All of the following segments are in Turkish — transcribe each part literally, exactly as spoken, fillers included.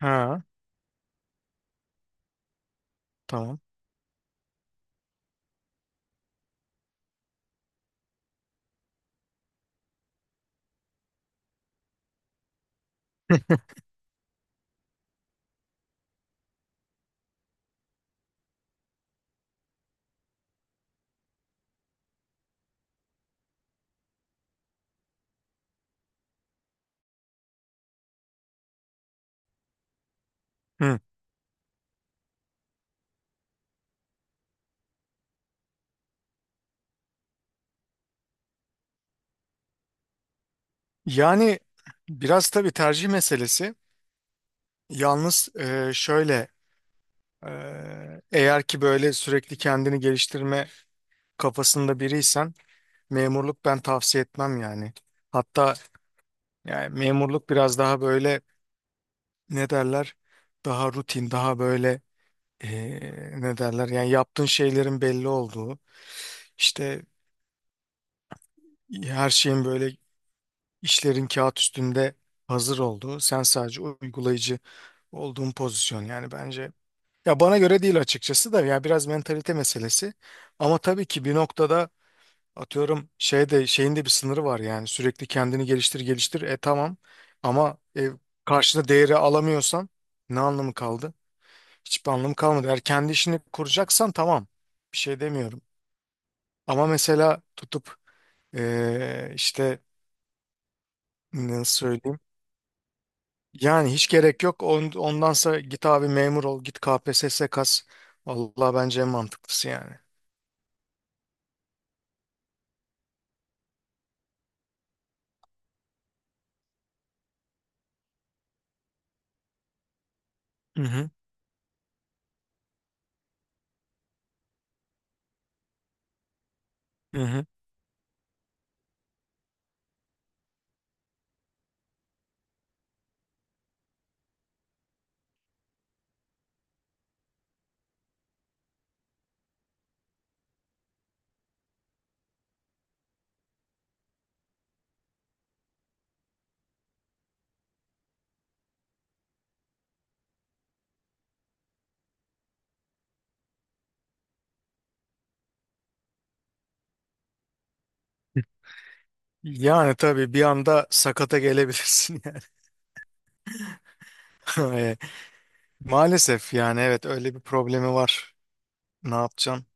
Ha, tamam. Hı. Yani biraz tabii tercih meselesi. Yalnız e, şöyle e, eğer ki böyle sürekli kendini geliştirme kafasında biriysen memurluk ben tavsiye etmem yani. Hatta yani memurluk biraz daha böyle ne derler, daha rutin, daha böyle e, ne derler, yani yaptığın şeylerin belli olduğu, işte her şeyin böyle, İşlerin kağıt üstünde hazır olduğu, sen sadece uygulayıcı olduğun pozisyon yani bence. Ya bana göre değil açıkçası da, ya biraz mentalite meselesi. Ama tabii ki bir noktada atıyorum şeyde şeyin de bir sınırı var, yani sürekli kendini geliştir geliştir e tamam, ama e, karşına değeri alamıyorsan ne anlamı kaldı? Hiçbir anlamı kalmadı. Eğer kendi işini kuracaksan tamam, bir şey demiyorum. Ama mesela tutup e, işte nasıl söyleyeyim? Yani hiç gerek yok. On- Ondansa git abi memur ol. Git K P S S kas. Vallahi bence en mantıklısı yani. Hı hı. Hı hı. Yani tabii bir anda sakata gelebilirsin yani. E, maalesef yani, evet, öyle bir problemi var. Ne yapacaksın?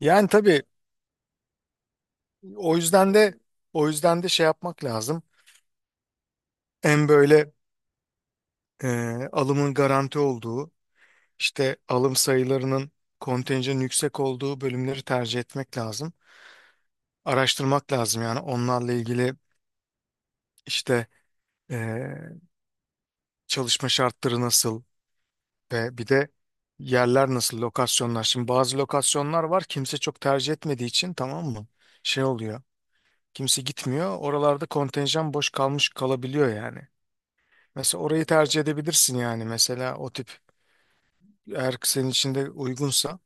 Yani tabii o yüzden de o yüzden de şey yapmak lazım. En böyle e, alımın garanti olduğu, işte alım sayılarının, kontenjanın yüksek olduğu bölümleri tercih etmek lazım. Araştırmak lazım yani onlarla ilgili. İşte eee, çalışma şartları nasıl ve bir de yerler nasıl, lokasyonlar. Şimdi bazı lokasyonlar var kimse çok tercih etmediği için, tamam mı? Şey oluyor. Kimse gitmiyor. Oralarda kontenjan boş kalmış kalabiliyor yani. Mesela orayı tercih edebilirsin yani, mesela o tip, eğer senin için de uygunsa.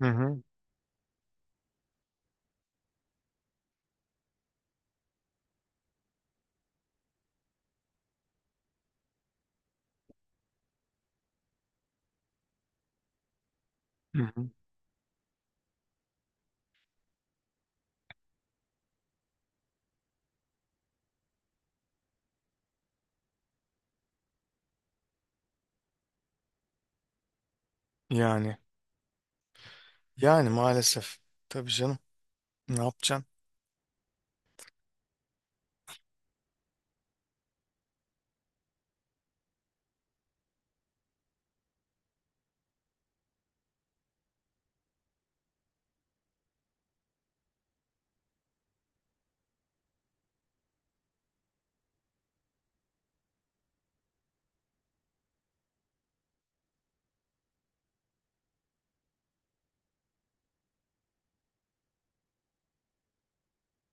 Hı hı. Hı hı. Yani yani maalesef. Tabii canım. Ne yapacaksın?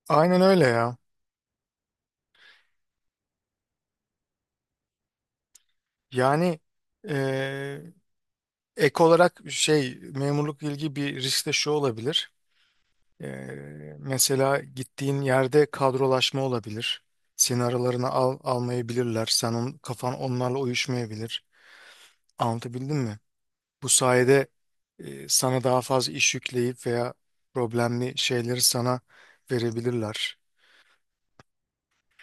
Aynen öyle ya. Yani eee, ek olarak şey, memurluk ilgi bir risk de şu olabilir. Ee, mesela gittiğin yerde kadrolaşma olabilir. Seni aralarına al, almayabilirler. Sen on, kafan onlarla uyuşmayabilir. Anlatabildim mi? Bu sayede e, sana daha fazla iş yükleyip veya problemli şeyleri sana verebilirler.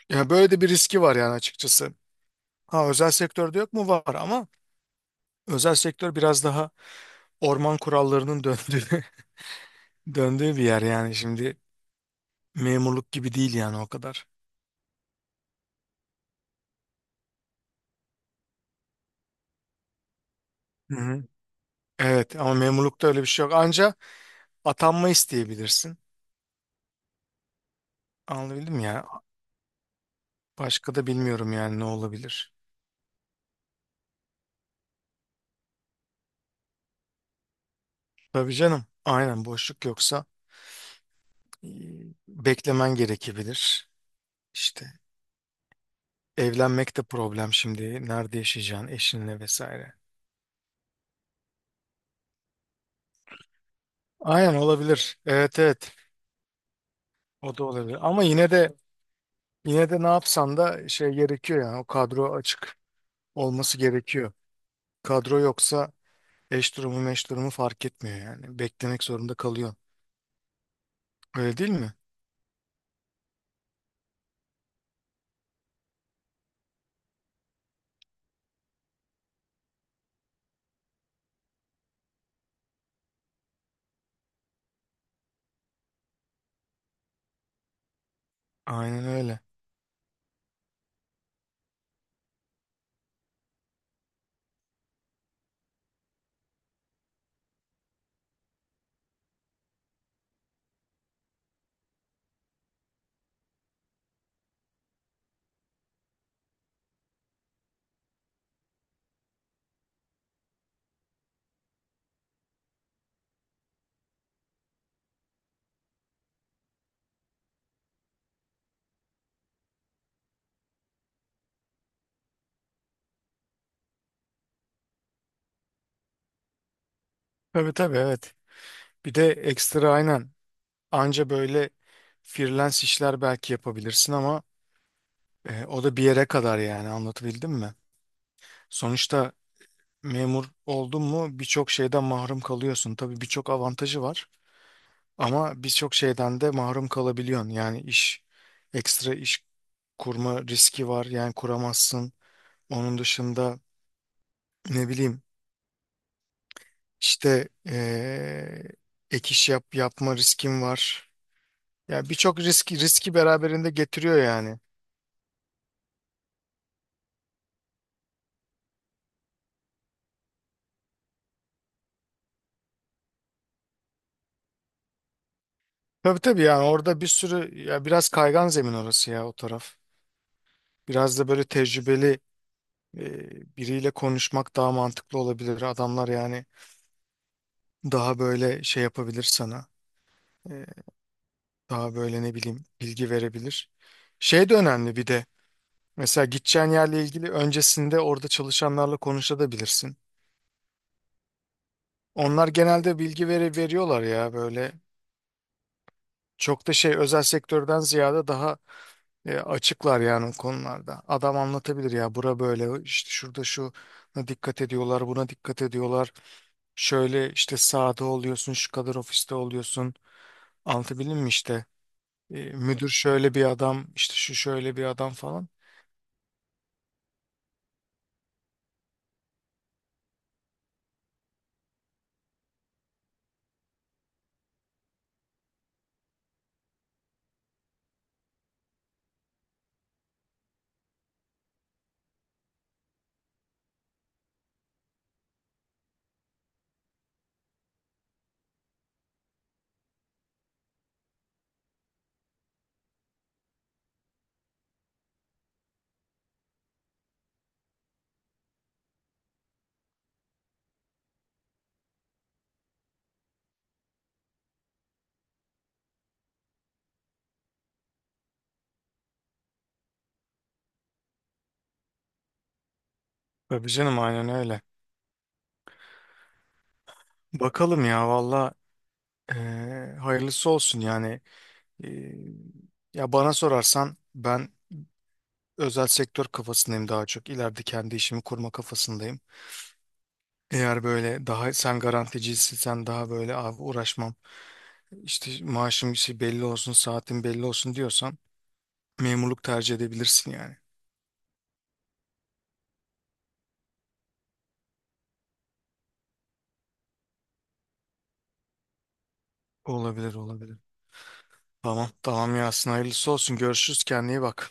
Yani böyle de bir riski var yani açıkçası. Ha, özel sektörde yok mu? Var ama özel sektör biraz daha orman kurallarının döndüğü döndüğü bir yer yani şimdi. Memurluk gibi değil yani o kadar. Hı hı. Evet, ama memurlukta öyle bir şey yok. Anca atanma isteyebilirsin. Anlatabildim mi ya. Başka da bilmiyorum yani ne olabilir. Tabii canım. Aynen, boşluk yoksa e, beklemen gerekebilir. İşte evlenmek de problem şimdi. Nerede yaşayacaksın eşinle vesaire. Aynen, olabilir. Evet, evet. O da olabilir. Ama yine de yine de ne yapsan da şey gerekiyor, yani o kadro açık olması gerekiyor. Kadro yoksa eş durumu meş durumu fark etmiyor yani. Beklemek zorunda kalıyorsun. Öyle değil mi? Aynen öyle. Tabii tabii, evet. Bir de ekstra aynen. Anca böyle freelance işler belki yapabilirsin ama e, o da bir yere kadar yani, anlatabildim mi? Sonuçta memur oldun mu birçok şeyden mahrum kalıyorsun. Tabii birçok avantajı var ama birçok şeyden de mahrum kalabiliyorsun. Yani iş ekstra iş kurma riski var yani, kuramazsın. Onun dışında ne bileyim. İşte eee ek iş yap, yapma riskim var. Ya birçok risk, riski beraberinde getiriyor yani. Tabii tabii, yani orada bir sürü, ya biraz kaygan zemin orası ya, o taraf. Biraz da böyle tecrübeli eee, biriyle konuşmak daha mantıklı olabilir. Adamlar yani daha böyle şey yapabilir sana. Eee, daha böyle ne bileyim bilgi verebilir. Şey de önemli bir de. Mesela gideceğin yerle ilgili öncesinde orada çalışanlarla konuşabilirsin. Onlar genelde bilgi veri veriyorlar ya böyle. Çok da şey, özel sektörden ziyade daha e, açıklar yani o konularda. Adam anlatabilir ya, bura böyle işte, şurada şuna dikkat ediyorlar, buna dikkat ediyorlar. Şöyle işte sahada oluyorsun, şu kadar ofiste oluyorsun. Anlatabildim mi işte? E, müdür şöyle bir adam işte, şu şöyle bir adam falan. Tabii canım aynen öyle. Bakalım ya valla, e, hayırlısı olsun yani. E, ya bana sorarsan ben özel sektör kafasındayım daha çok. İleride kendi işimi kurma kafasındayım. Eğer böyle daha sen garanticiysen, sen daha böyle abi uğraşmam, işte maaşım şey belli olsun, saatim belli olsun diyorsan memurluk tercih edebilirsin yani. Olabilir, olabilir. Tamam tamam Yasin, hayırlısı olsun, görüşürüz, kendine iyi bak.